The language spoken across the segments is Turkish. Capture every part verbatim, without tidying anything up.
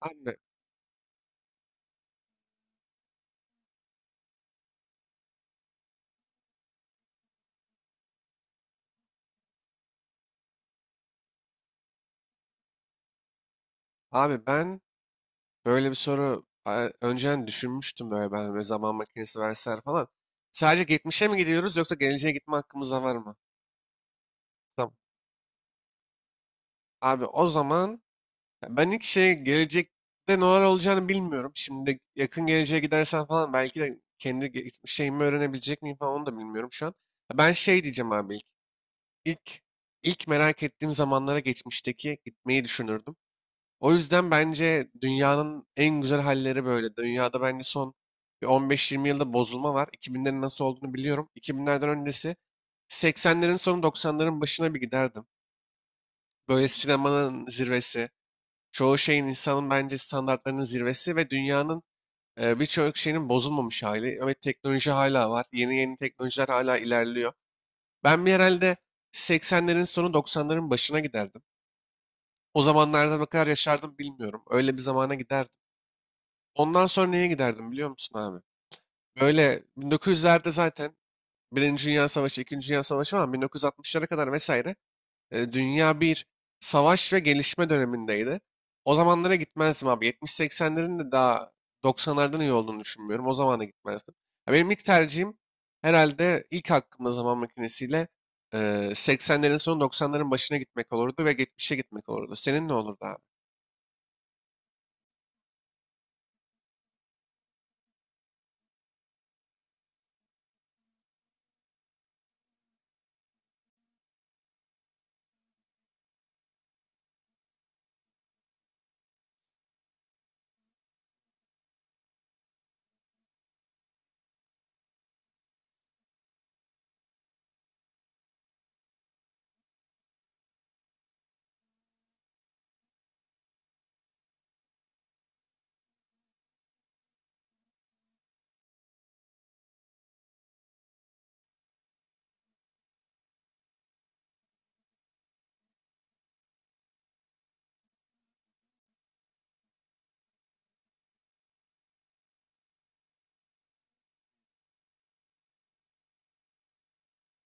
Abi, abi ben böyle bir soru e, önceden düşünmüştüm böyle ben böyle zaman makinesi verseler falan. Sadece geçmişe mi gidiyoruz yoksa geleceğe gitme hakkımız da var mı? Tamam. Abi o zaman ya ben ilk şey gelecekte neler olacağını bilmiyorum. Şimdi yakın geleceğe gidersen falan belki de kendi ge- şeyimi öğrenebilecek miyim falan onu da bilmiyorum şu an. Ya ben şey diyeceğim abi ilk. İlk, ilk merak ettiğim zamanlara geçmişteki gitmeyi düşünürdüm. O yüzden bence dünyanın en güzel halleri böyle. Dünyada bence son bir on beş yirmi yılda bozulma var. iki binlerin nasıl olduğunu biliyorum. iki binlerden öncesi seksenlerin sonu doksanların başına bir giderdim. Böyle sinemanın zirvesi, çoğu şeyin insanın bence standartlarının zirvesi ve dünyanın e, birçok şeyinin bozulmamış hali. Evet teknoloji hala var. Yeni yeni teknolojiler hala ilerliyor. Ben bir herhalde seksenlerin sonu doksanların başına giderdim. O zamanlarda ne kadar yaşardım bilmiyorum. Öyle bir zamana giderdim. Ondan sonra neye giderdim biliyor musun abi? Böyle bin dokuz yüzlerde zaten Birinci Dünya Savaşı, İkinci Dünya Savaşı falan bin dokuz yüz altmışlara kadar vesaire e, dünya bir savaş ve gelişme dönemindeydi. O zamanlara gitmezdim abi. yetmiş seksenlerin de daha doksanlardan iyi olduğunu düşünmüyorum. O zamana gitmezdim. Ya benim ilk tercihim herhalde ilk hakkımda zaman makinesiyle e, seksenlerin sonu doksanların başına gitmek olurdu ve yetmişe gitmek olurdu. Senin ne olurdu abi?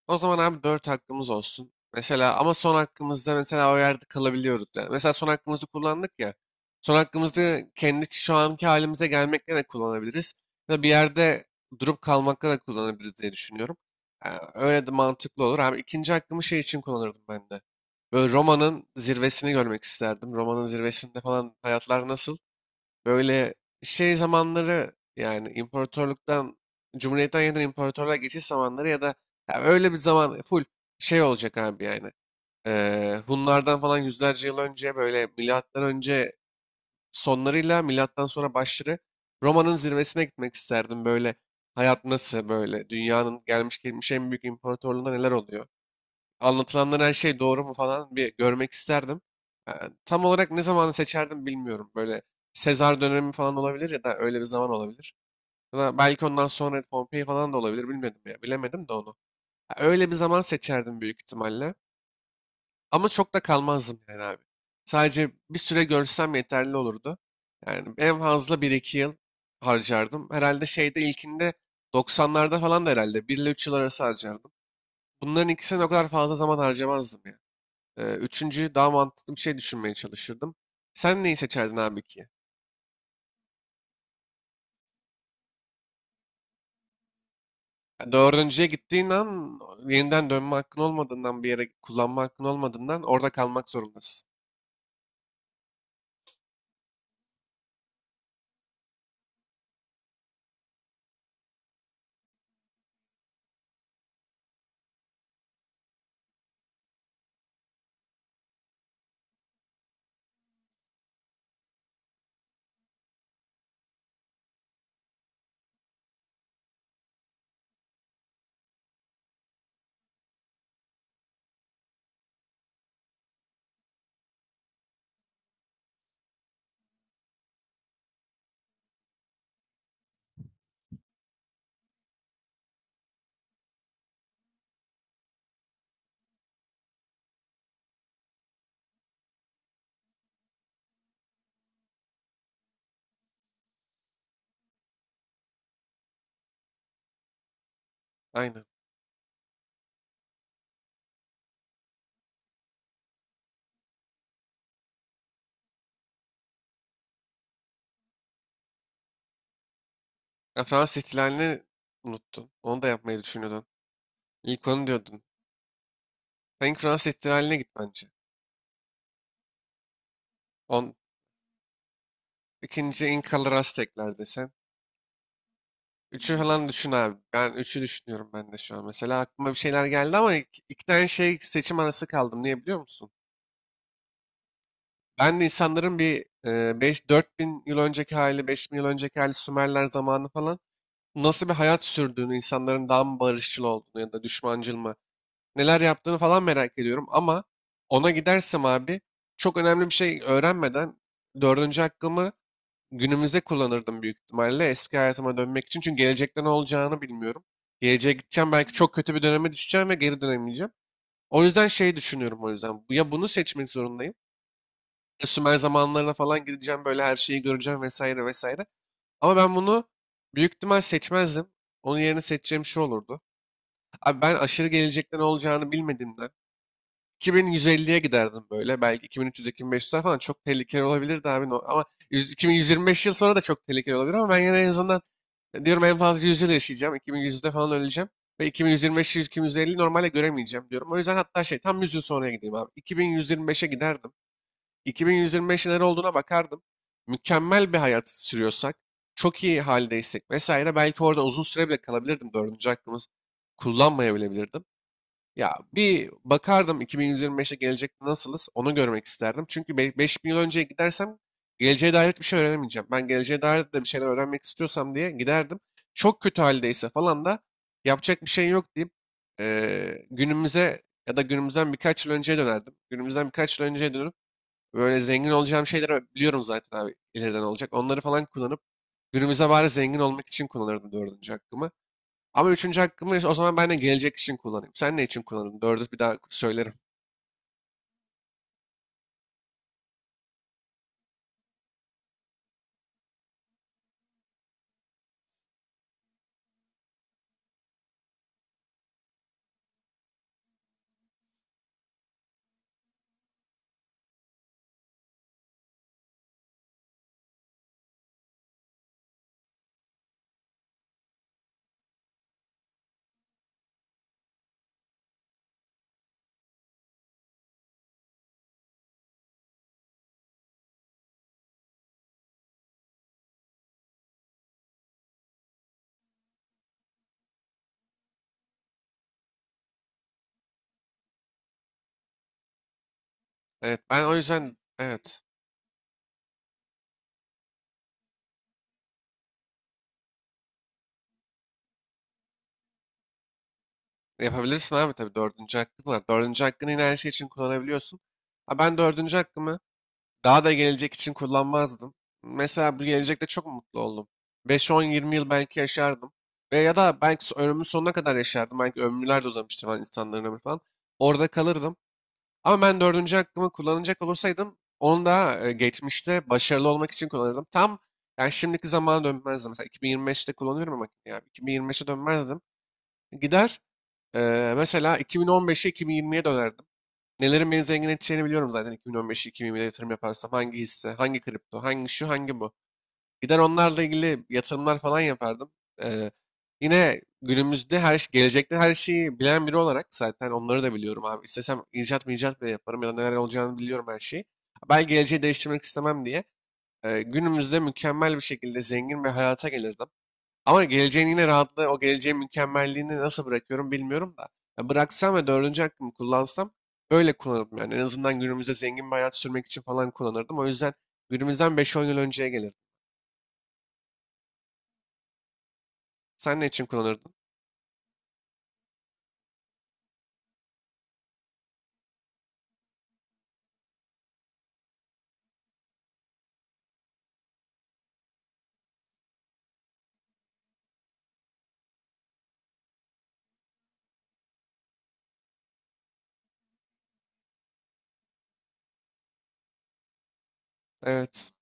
O zaman abi dört hakkımız olsun. Mesela ama son hakkımızda mesela o yerde kalabiliyoruz. Yani mesela son hakkımızı kullandık ya. Son hakkımızı kendi şu anki halimize gelmekle de kullanabiliriz. Ya da bir yerde durup kalmakla da kullanabiliriz diye düşünüyorum. Yani öyle de mantıklı olur. Abi ikinci hakkımı şey için kullanırdım ben de. Böyle Roma'nın zirvesini görmek isterdim. Roma'nın zirvesinde falan hayatlar nasıl? Böyle şey zamanları yani imparatorluktan, cumhuriyetten yeniden imparatorluğa geçiş zamanları ya da ya öyle bir zaman full şey olacak abi yani. Ee, Hunlardan falan yüzlerce yıl önce böyle milattan önce sonlarıyla milattan sonra başları Roma'nın zirvesine gitmek isterdim. Böyle hayat nasıl böyle dünyanın gelmiş geçmiş en büyük imparatorluğunda neler oluyor? Anlatılanların her şey doğru mu falan bir görmek isterdim. Ee, Tam olarak ne zamanı seçerdim bilmiyorum. Böyle Sezar dönemi falan olabilir ya da öyle bir zaman olabilir. Ya da belki ondan sonra Pompei falan da olabilir bilmedim ya. Bilemedim de onu. Ya öyle bir zaman seçerdim büyük ihtimalle. Ama çok da kalmazdım yani abi. Sadece bir süre görsem yeterli olurdu. Yani en fazla bir iki yıl harcardım. Herhalde şeyde ilkinde doksanlarda falan da herhalde bir ile üç yıl arası harcardım. Bunların ikisine o kadar fazla zaman harcamazdım ya. Ee, üçüncüyü daha mantıklı bir şey düşünmeye çalışırdım. Sen neyi seçerdin abi ki? Ya dördüncüye gittiğin an yeniden dönme hakkın olmadığından bir yere kullanma hakkın olmadığından orada kalmak zorundasın. Aynen. Ya Fransız ihtilalini unuttun. Onu da yapmayı düşünüyordun. İlk onu diyordun. Sen ilk Fransız ihtilaline git bence. On, ikinci İnkalar Aztekler desen. Üçü falan düşün abi. Ben üçü düşünüyorum ben de şu an. Mesela aklıma bir şeyler geldi ama iki, iki tane şey seçim arası kaldım. Niye biliyor musun? Ben de insanların bir e, beş dört bin yıl önceki hali, beş bin yıl önceki hali Sümerler zamanı falan nasıl bir hayat sürdüğünü, insanların daha mı barışçıl olduğunu ya da düşmancıl mı, neler yaptığını falan merak ediyorum ama ona gidersem abi çok önemli bir şey öğrenmeden dördüncü hakkımı günümüze kullanırdım büyük ihtimalle eski hayatıma dönmek için. Çünkü gelecekte ne olacağını bilmiyorum. Geleceğe gideceğim belki çok kötü bir döneme düşeceğim ve geri dönemeyeceğim. O yüzden şey düşünüyorum o yüzden. Ya bunu seçmek zorundayım Sümer zamanlarına falan gideceğim böyle her şeyi göreceğim vesaire vesaire. Ama ben bunu büyük ihtimal seçmezdim. Onun yerine seçeceğim şu olurdu. Abi ben aşırı gelecekte ne olacağını bilmediğimden iki bin yüz elliye giderdim böyle. Belki iki bin üç yüz iki bin beş yüzler falan çok tehlikeli olabilirdi abi. No- Ama yüz iki bin yüz yirmi beş yıl sonra da çok tehlikeli olabilir ama ben yine en azından diyorum en fazla yüz yıl yaşayacağım. iki bin yüzde falan öleceğim. Ve iki bin yüz yirmi beş iki bin yüz elli normalde göremeyeceğim diyorum. O yüzden hatta şey tam yüz yıl sonraya gideyim abi. iki bin yüz yirmi beşe giderdim. iki bin yüz yirmi beş neler olduğuna bakardım. Mükemmel bir hayat sürüyorsak, çok iyi haldeysek vesaire belki orada uzun süre bile kalabilirdim. Dördüncü hakkımı kullanmayabilebilirdim. Ya bir bakardım iki bin yüz yirmi beşe gelecekte nasılız onu görmek isterdim. Çünkü be- beş bin yıl önceye gidersem geleceğe dair bir şey öğrenemeyeceğim. Ben geleceğe dair de bir şeyler öğrenmek istiyorsam diye giderdim. Çok kötü haldeyse falan da yapacak bir şey yok deyip eee, günümüze ya da günümüzden birkaç yıl önceye dönerdim. Günümüzden birkaç yıl önceye dönüp böyle zengin olacağım şeyleri biliyorum zaten abi ileriden olacak. Onları falan kullanıp günümüze bari zengin olmak için kullanırdım dördüncü hakkımı. Ama üçüncü hakkımı o zaman ben de gelecek için kullanayım. Sen ne için kullanırdın? Dördü bir daha söylerim. Evet ben o yüzden evet yapabilirsin abi tabii dördüncü hakkın var. Dördüncü hakkını yine her şey için kullanabiliyorsun. Ha, ben dördüncü hakkımı daha da gelecek için kullanmazdım. Mesela bu gelecekte çok mutlu oldum. beş on-yirmi yıl belki yaşardım. Ve ya da belki so- ömrümün sonuna kadar yaşardım. Belki ömürler de uzamıştı falan insanların ömrü falan. Orada kalırdım. Ama ben dördüncü hakkımı kullanacak olursaydım onu da e, geçmişte başarılı olmak için kullanırdım. Tam yani şimdiki zamana dönmezdim. Mesela iki bin yirmi beşte kullanıyorum ama yani iki bin yirmi beşe dönmezdim. Gider e, mesela iki bin on beşe iki bin yirmiye dönerdim. Nelerin beni zengin edeceğini biliyorum zaten iki bin on beş iki bin yirmide yatırım yaparsam. Hangi hisse, hangi kripto, hangi şu, hangi bu. Gider onlarla ilgili yatırımlar falan yapardım. Ee, Yine günümüzde her şey- gelecekte her şeyi bilen biri olarak zaten onları da biliyorum abi. İstesem icat mı icat bile yaparım ya da neler olacağını biliyorum her şeyi. Ben geleceği değiştirmek istemem diye. E, günümüzde mükemmel bir şekilde zengin ve hayata gelirdim. Ama geleceğin yine rahatlığı, o geleceğin mükemmelliğini nasıl bırakıyorum bilmiyorum da. Ya bıraksam ve dördüncü hakkımı kullansam böyle kullanırdım yani. En azından günümüzde zengin bir hayat sürmek için falan kullanırdım. O yüzden günümüzden beş on yıl önceye gelirdim. Sen ne için kullanırdın? Evet.